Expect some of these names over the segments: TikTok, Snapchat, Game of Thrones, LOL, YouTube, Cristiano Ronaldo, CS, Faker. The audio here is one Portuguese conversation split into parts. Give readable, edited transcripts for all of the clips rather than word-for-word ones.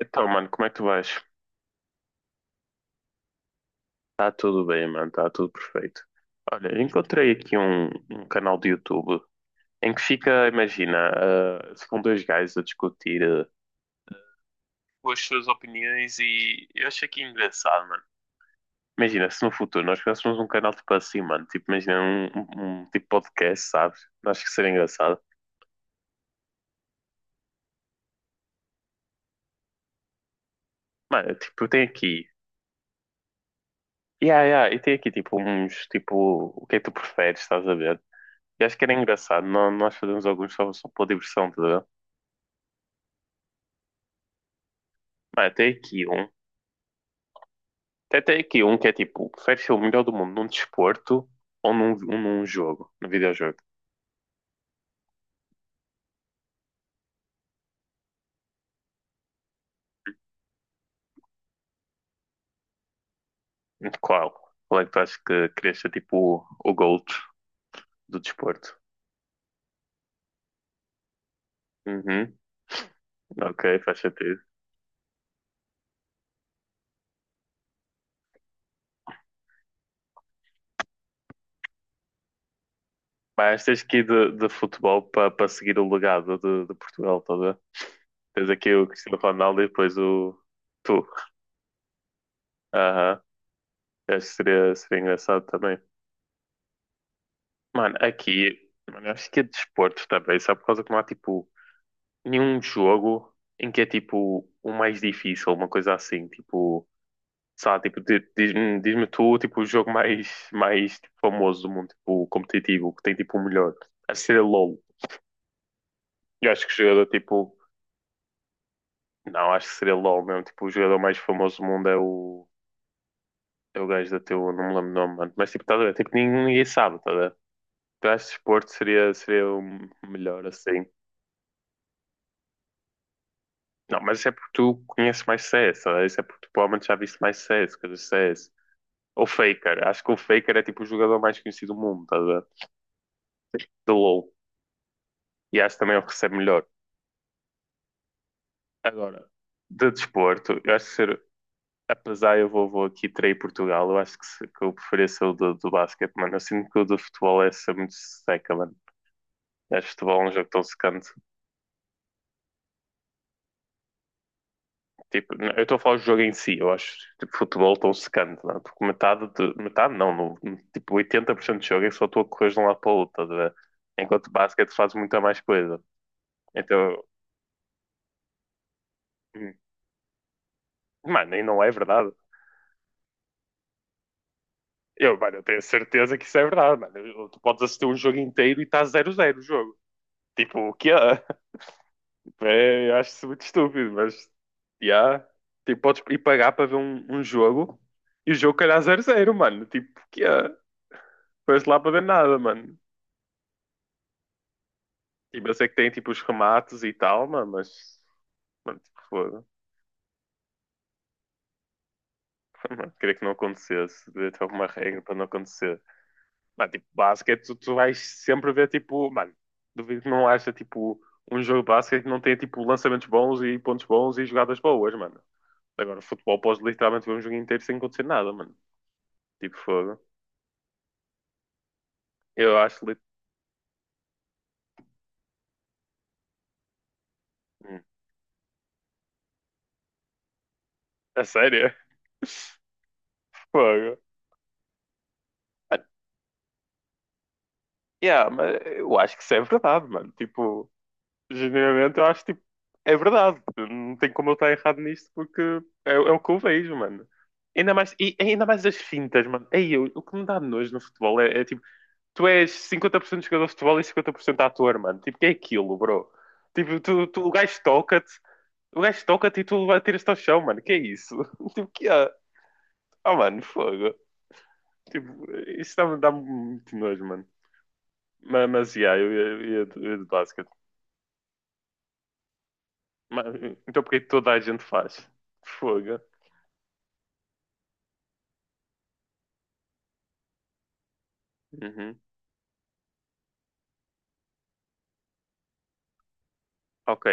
Então, mano, como é que tu vais? Tá tudo bem, mano, tá tudo perfeito. Olha, encontrei aqui um canal de YouTube em que fica, imagina, ficam dois gajos a discutir com as suas opiniões e eu achei que engraçado, mano. Imagina, se no futuro nós criássemos um canal tipo assim, mano, tipo, imagina um tipo podcast, sabes? Acho que seria engraçado. Mano, tipo, tem aqui, yeah, yeah, e tem aqui tipo uns, tipo, o que é que tu preferes, estás a ver? E acho que era engraçado, nós fazemos alguns só, só por diversão, tá. Vai, até aqui um. Até aqui um que é tipo, prefere ser o melhor do mundo num desporto ou num, num jogo, num videojogo? Qual? Qual é que tu achas que querias ser tipo o GOAT do desporto? Uhum, ok, faz sentido. Mas tens que ir de futebol para seguir o legado de Portugal toda. Tens aqui o Cristiano Ronaldo e depois o tu. Aham, acho que seria, seria engraçado também. Mano, aqui, mano, eu acho que é desporto também, só por causa que não há tipo nenhum jogo em que é tipo o mais difícil, uma coisa assim, tipo, sabe, tipo, diz-me tu, tipo, o jogo mais, mais tipo, famoso do mundo, tipo, competitivo, que tem tipo o melhor. Acho que seria LOL. Eu acho que o jogador, tipo, não, acho que seria LOL mesmo, tipo, o jogador mais famoso do mundo é o, é o gajo da teu, não me lembro o nome, mano, mas tipo, tá, a ver? Tipo, ninguém, ninguém sabe, tá, a ver? Eu acho que desporto seria, seria o melhor, assim. Não, mas isso é porque tu conheces mais CS, tá a ver? Isso é porque tu provavelmente já viste mais CS, coisas de CS. O Faker. Acho que o Faker é tipo o jogador mais conhecido do mundo, tá, de LoL. E acho que também é o que recebe melhor. Agora, de desporto, eu acho que ser, apesar eu vou, vou aqui trair Portugal, eu acho que, que eu preferia ser o do, do basquete, mano. Eu sinto que o do futebol é ser muito seca, mano. Eu acho futebol é um jogo tão secante. Tipo, eu estou a falar do jogo em si, eu acho tipo, futebol tão secante, não é? Porque metade, de, metade não, no, tipo 80% do jogo é só tu a correr de um lado para o outro, estás a ver? Enquanto basquete fazes muita mais coisa. Então, mano, e não é verdade. Eu, mano, eu tenho certeza que isso é verdade, mano. Tu podes assistir um jogo inteiro e está zero zero o jogo. Tipo, o que é? É, eu acho isso muito estúpido, mas. Yeah. Tipo, podes ir pagar para ver um jogo e o jogo calhar zero zero mano. Tipo, o que é? Foste lá para ver nada, mano. Tipo, eu sei que tem tipo os remates e tal, mano, mas. Mano, tipo, foda. Mano, queria que não acontecesse. Devia ter alguma regra para não acontecer. Mano, tipo, basquete, tu vais sempre ver, tipo, mano, duvido que não haja, tipo, um jogo de basquete que não tenha, tipo, lançamentos bons e pontos bons e jogadas boas, mano. Agora, futebol, podes literalmente ver um jogo inteiro sem acontecer nada, mano. Tipo, fogo. Eu acho, hum, a sério? Fogo. Mano, yeah, mas eu acho que isso é verdade, mano. Tipo, genuinamente, eu acho tipo, é verdade. Não tem como eu estar errado nisto porque é, é o que eu vejo, mano. Ainda mais, e ainda mais as fintas, mano. Ei, o que me dá nojo no futebol é, é, tipo, tu és 50% jogador de futebol e 50% ator, mano. Tipo, que é aquilo, bro? Tipo, o gajo toca-te e tu atiras-te ao chão, mano. Que é isso? Tipo, que é? Ah, mano, fogo. Tipo, isso dá-me muito nojo, mano. Mas yeah, eu ia de basquete. Mas, então, porque é toda a gente faz? Fogo. Uhum. Ok.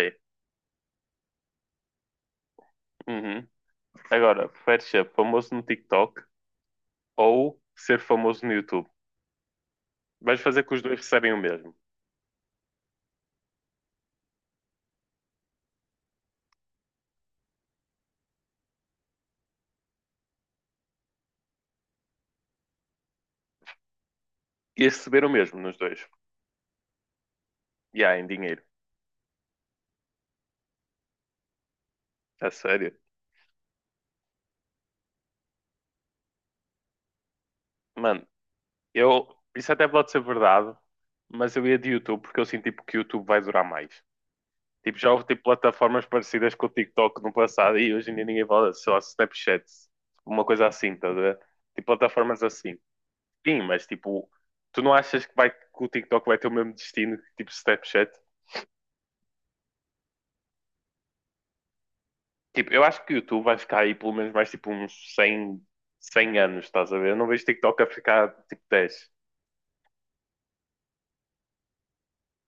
Uhum. Agora, preferes ser famoso no TikTok ou ser famoso no YouTube? Vais fazer que os dois recebem o mesmo. E receber o mesmo nos dois. E há em dinheiro. A sério. Mano, eu. Isso até pode ser verdade, mas eu ia de YouTube porque eu sinto tipo, que o YouTube vai durar mais. Tipo, já houve tipo, plataformas parecidas com o TikTok no passado e hoje em dia ninguém fala, só Snapchat. Uma coisa assim, tá a ver? Tipo, plataformas assim. Sim, mas tipo, tu não achas que, vai, que o TikTok vai ter o mesmo destino que tipo Snapchat? Tipo, eu acho que o YouTube vai ficar aí pelo menos mais tipo uns cem anos, estás a ver? Eu não vejo TikTok a ficar tipo 10.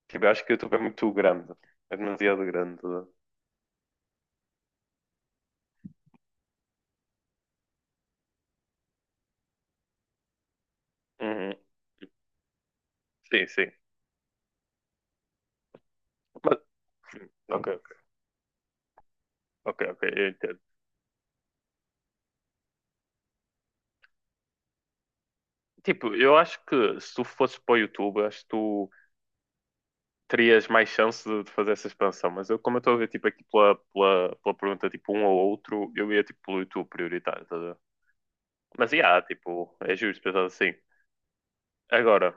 Tipo, eu acho que o YouTube é muito grande. É demasiado grande. Uhum. Sim, sim. Mas, ok, ok, ok, eu entendo. Tipo, eu acho que se tu fosses para o YouTube, acho que tu terias mais chance de fazer essa expansão. Mas eu, como eu estou a ver, tipo, aqui pela pergunta, tipo, um ou outro, eu ia, tipo, pelo YouTube prioritário, tá? Mas, yeah, tipo, é justo pensar assim. Agora,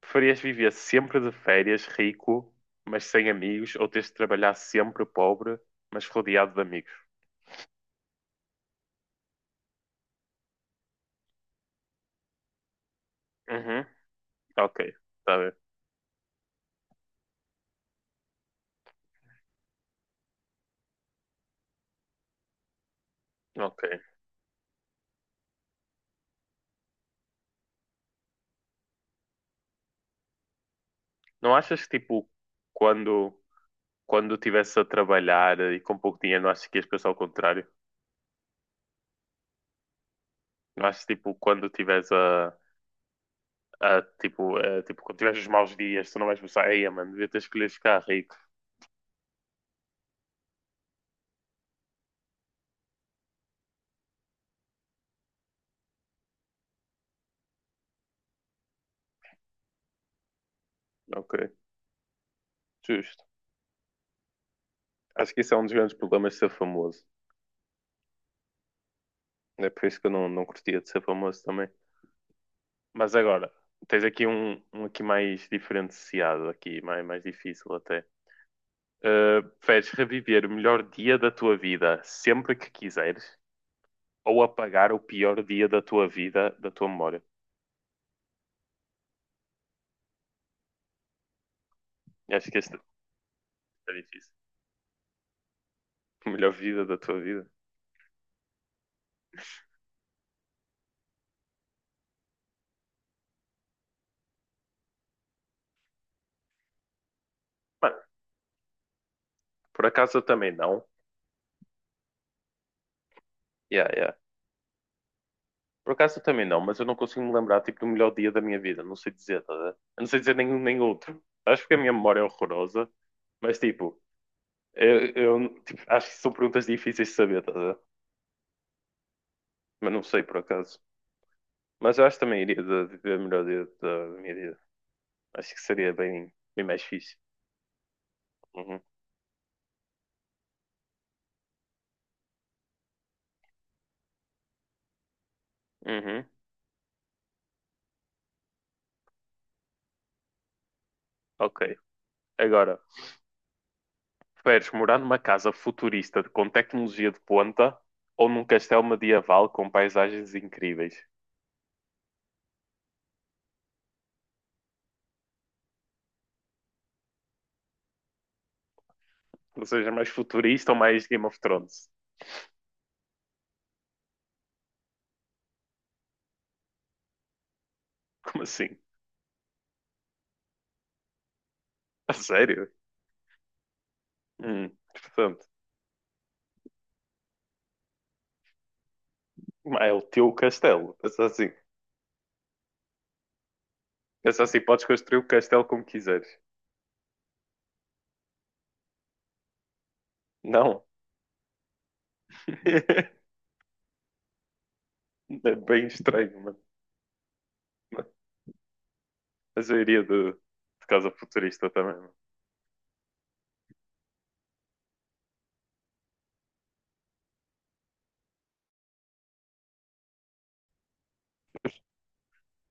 preferias viver sempre de férias rico, mas sem amigos, ou teres de trabalhar sempre pobre, mas rodeado de amigos? Uhum, ok, tá bem, ok. Não achas que, tipo, quando, quando estivesse a trabalhar e com pouco dinheiro, não achas que ias pensar ao contrário? Não achas, tipo, quando estiveres a, tipo, quando tiveres os maus dias, tu não vais pensar, ei, mano, devia ter escolhido ficar rico. Ok, justo. Acho que isso é um dos grandes problemas de ser famoso. É por isso que eu não, não curtia de ser famoso também. Mas agora, tens aqui um aqui mais diferenciado, aqui, mais, mais difícil até. Preferes reviver o melhor dia da tua vida sempre que quiseres ou apagar o pior dia da tua vida da tua memória? Eu acho que este é difícil. O melhor vida da tua vida. Mano, por acaso eu também não. Yeah, yeah. Por acaso eu também não, mas eu não consigo me lembrar tipo, do melhor dia da minha vida. Não sei dizer, tá, a ver? Eu não sei dizer nenhum nem outro. Acho que a minha memória é horrorosa, mas tipo, eu, tipo, acho que são perguntas difíceis de saber, tá, a ver? Mas não sei por acaso. Mas eu acho que também iria de ver melhor da minha vida. Acho que seria bem, bem mais fixe. Uhum. Uhum. Ok. Agora, preferes morar numa casa futurista com tecnologia de ponta ou num castelo medieval com paisagens incríveis? Ou seja, mais futurista ou mais Game of Thrones? Como assim? A sério? Portanto, mas é o teu castelo. Pensa assim. Pensa assim, podes construir o castelo como quiseres. Não, é bem estranho, mano. Mas eu iria de Casa Futurista também, mano.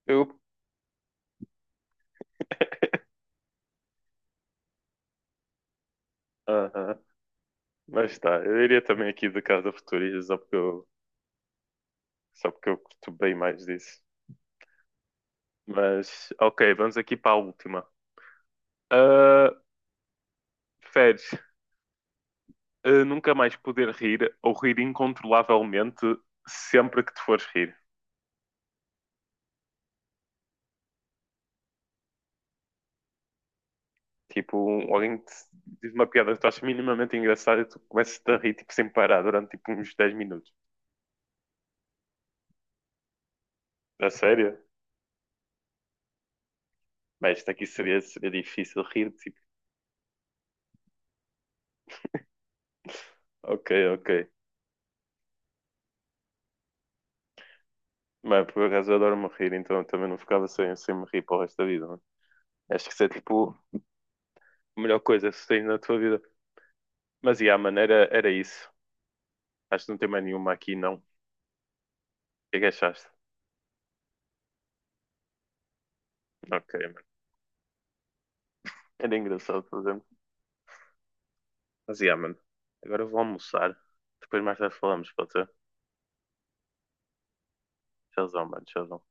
Eu, aham. Mas tá, eu iria também aqui de Casa Futurista, só porque eu curto bem mais disso. Mas, ok, vamos aqui para a última. Ah, Feres, nunca mais poder rir ou rir incontrolavelmente sempre que te fores rir. Tipo, alguém te diz uma piada que tu achas minimamente engraçada e tu começas a rir tipo, sem parar durante tipo, uns 10 minutos. A sério? Bem, isto aqui seria, seria difícil rir, tipo, ok, ok. Mas por acaso eu adoro-me rir, então eu também não ficava sem, sem me rir para o resto da vida, mano. Acho que isso é tipo a melhor coisa que tens na tua vida. Mas e a maneira era isso. Acho que não tem mais nenhuma aqui, não. O que é que achaste? Ok, mano. Era engraçado, por exemplo. Mas e yeah, mano. Agora eu vou almoçar. Depois mais tarde falamos, pode ser? Tchauzão, mano. Tchauzão.